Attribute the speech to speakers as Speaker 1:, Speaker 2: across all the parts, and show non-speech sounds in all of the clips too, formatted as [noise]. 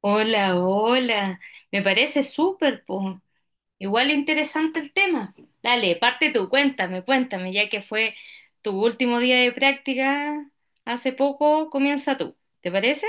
Speaker 1: Hola, hola. Me parece súper, po. Igual interesante el tema. Dale, parte tú, cuéntame, cuéntame, ya que fue tu último día de práctica hace poco, comienza tú. ¿Te parece?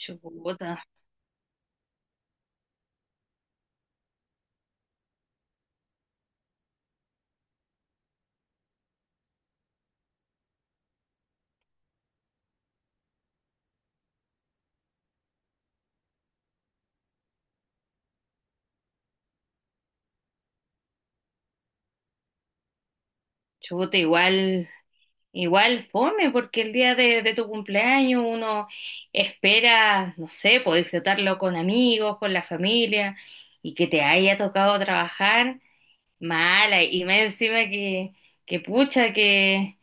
Speaker 1: Chuta, chuta, igual fome, porque el día de tu cumpleaños uno espera, no sé, poder disfrutarlo con amigos, con la familia, y que te haya tocado trabajar mala, y más encima que pucha, que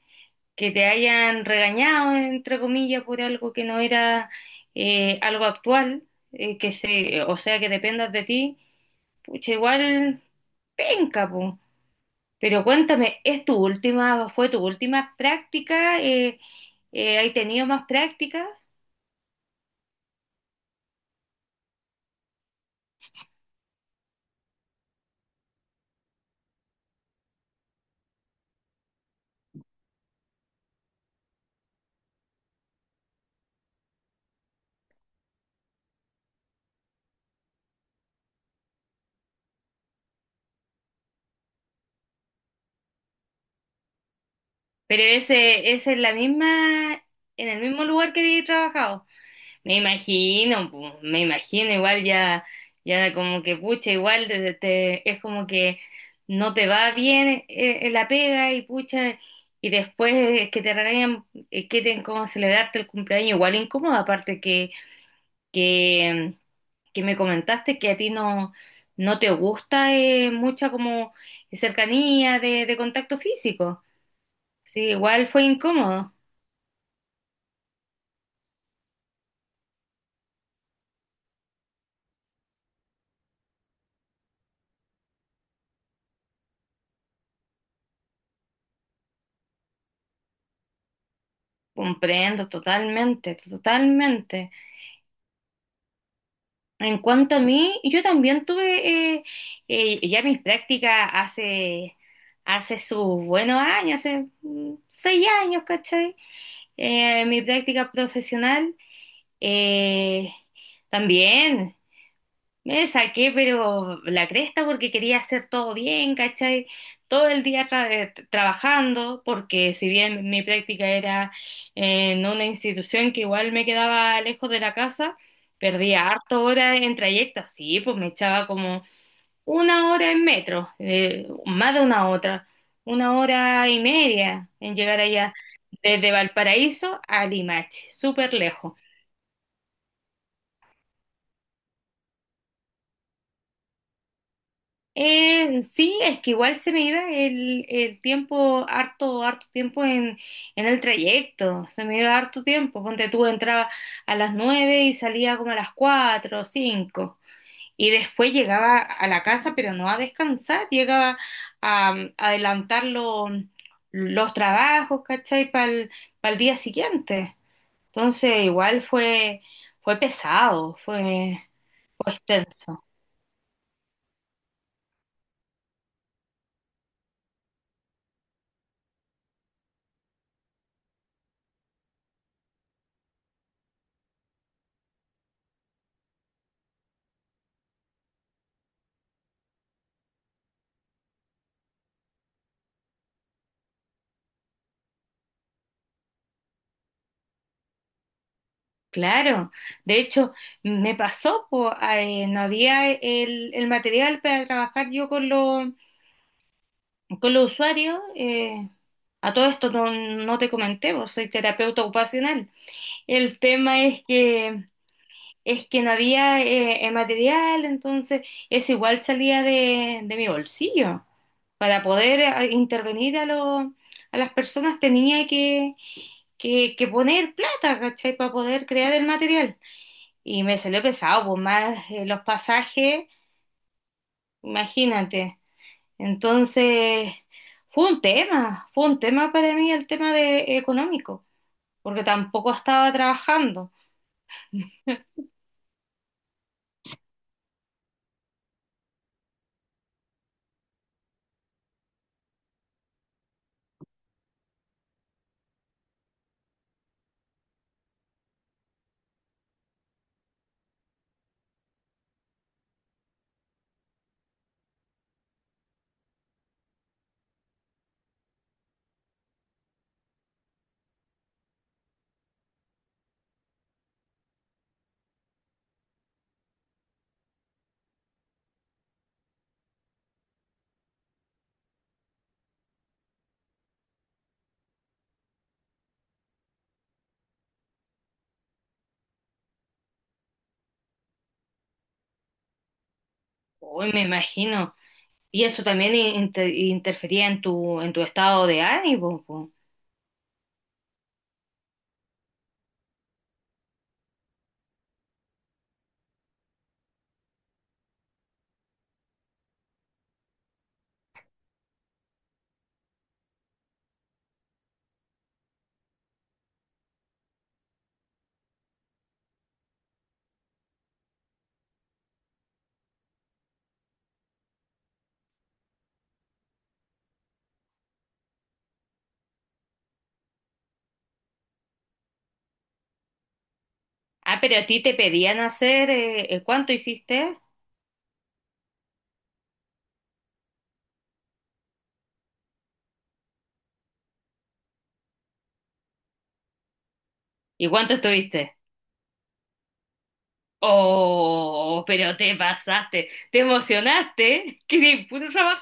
Speaker 1: que te hayan regañado, entre comillas, por algo que no era algo actual, o sea, que dependas de ti, pucha, igual penca, po. Pero cuéntame, fue tu última práctica? ¿Hay tenido más prácticas? Pero ese es la misma, en el mismo lugar que he trabajado. Me imagino, pu, me imagino, igual ya como que pucha, igual es como que no te va bien la pega y pucha, y después es que te regañan, cómo celebrarte el cumpleaños, igual incómodo, aparte que, que, que me comentaste que a ti no, no te gusta mucha como cercanía de contacto físico. Sí, igual fue incómodo. Comprendo totalmente, totalmente. En cuanto a mí, yo también tuve ya mis prácticas hace sus buenos años, hace 6 años, ¿cachai? Mi práctica profesional eh, también. Me saqué, pero la cresta porque quería hacer todo bien, ¿cachai? Todo el día trabajando, porque si bien mi práctica era en una institución que igual me quedaba lejos de la casa, perdía harto hora en trayecto, sí, pues me echaba como una hora en metro, más de una otra, una hora y media en llegar allá, desde Valparaíso a Limache, súper lejos. Sí, es que igual se me iba el tiempo, harto tiempo en el trayecto, se me iba harto tiempo, ponte tú, entraba a las nueve y salía como a las cuatro o cinco, y después llegaba a la casa, pero no a descansar, llegaba a adelantar los trabajos, ¿cachai? Para el día siguiente. Entonces, igual fue, pesado, fue extenso. Claro, de hecho me pasó, po, no había el material para trabajar yo con los usuarios. A todo esto no, no te comenté, vos soy terapeuta ocupacional. El tema es que no había material, entonces eso igual salía de mi bolsillo. Para poder intervenir a las personas tenía que poner plata, ¿cachai? Para poder crear el material y me salió pesado, pues más los pasajes, imagínate. Entonces, fue un tema para mí el tema de económico, porque tampoco estaba trabajando. Hoy me imagino. Y eso también interfería en tu estado de ánimo, pues. Ah, pero a ti te pedían hacer, ¿cuánto hiciste? ¿Y cuánto estuviste? Oh, pero te pasaste, te emocionaste, [laughs] que puro trabajar.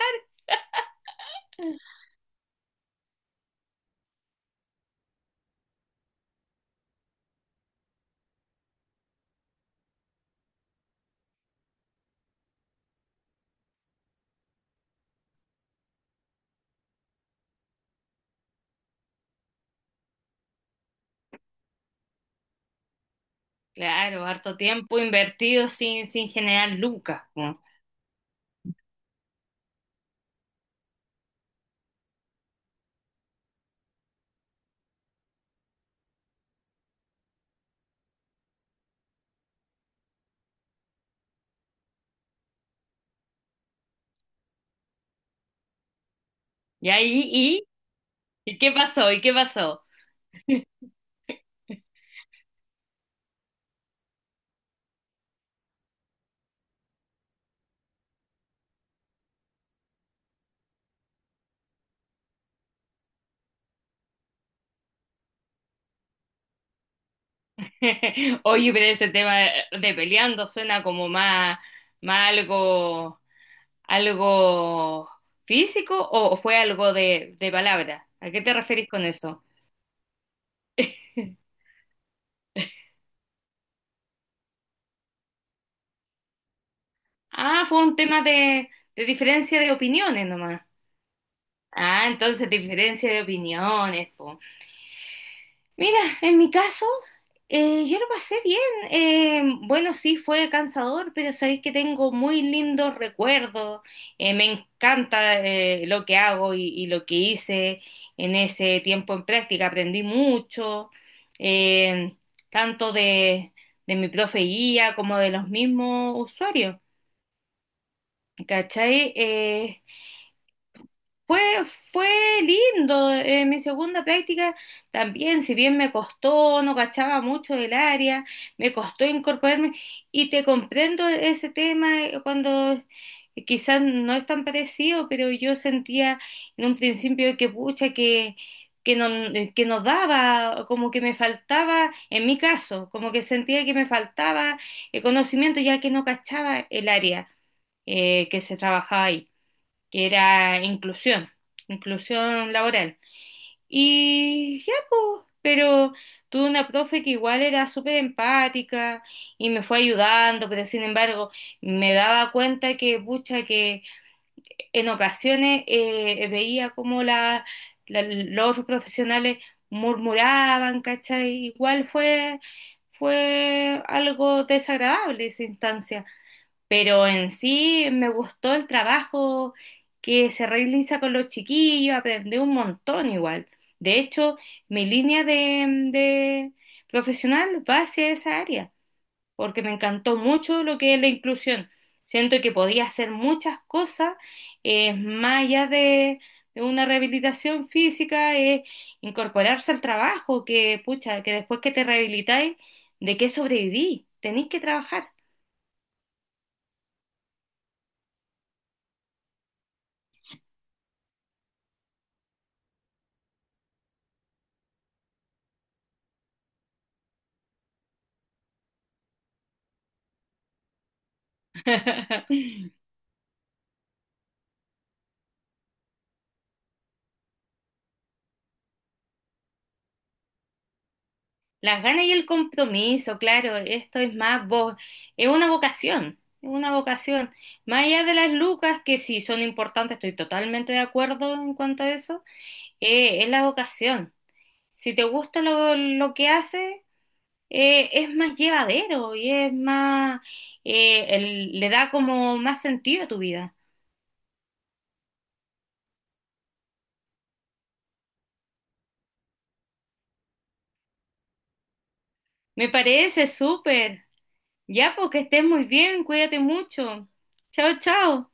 Speaker 1: Claro, harto tiempo invertido sin generar lucas, po. Y ahí, ¿y qué pasó? ¿Y qué pasó? [laughs] Oye, pero ese tema de peleando suena como más algo físico o fue algo de palabra. ¿A qué te referís con eso? [laughs] Ah, fue un tema de diferencia de opiniones nomás. Ah, entonces diferencia de opiniones, po. Mira, en mi caso, yo lo pasé bien. Bueno, sí, fue cansador, pero sabéis que tengo muy lindos recuerdos. Me encanta lo que hago y lo que hice en ese tiempo en práctica. Aprendí mucho, eh, tanto de mi profe guía como de los mismos usuarios. ¿Cachai? Fue, fue lindo, mi segunda práctica también, si bien me costó, no cachaba mucho del área, me costó incorporarme y te comprendo ese tema cuando quizás no es tan parecido, pero yo sentía en un principio que pucha, que no, que no daba, como que me faltaba, en mi caso, como que sentía que me faltaba el conocimiento ya que no cachaba el área que se trabajaba ahí que era inclusión, inclusión laboral. Y ya, pues, pero tuve una profe que igual era súper empática y me fue ayudando, pero sin embargo me daba cuenta que, pucha, que en ocasiones veía como los otros profesionales murmuraban, ¿cachai? Igual fue, algo desagradable esa instancia. Pero en sí me gustó el trabajo que se realiza con los chiquillos, aprendí un montón igual. De hecho, mi línea de, de profesional va hacia esa área, porque me encantó mucho lo que es la inclusión. Siento que podía hacer muchas cosas, más allá de una rehabilitación física, es incorporarse al trabajo, que pucha, que después que te rehabilitáis, ¿de qué sobreviví? Tenéis que trabajar. [laughs] Las ganas y el compromiso, claro, esto es más vos, es una vocación, es una vocación. Más allá de las lucas, que sí son importantes, estoy totalmente de acuerdo en cuanto a eso, es la vocación. Si te gusta lo que haces, es más llevadero y es más, le da como más sentido a tu vida. Me parece súper. Ya, porque estés muy bien, cuídate mucho. Chao, chao.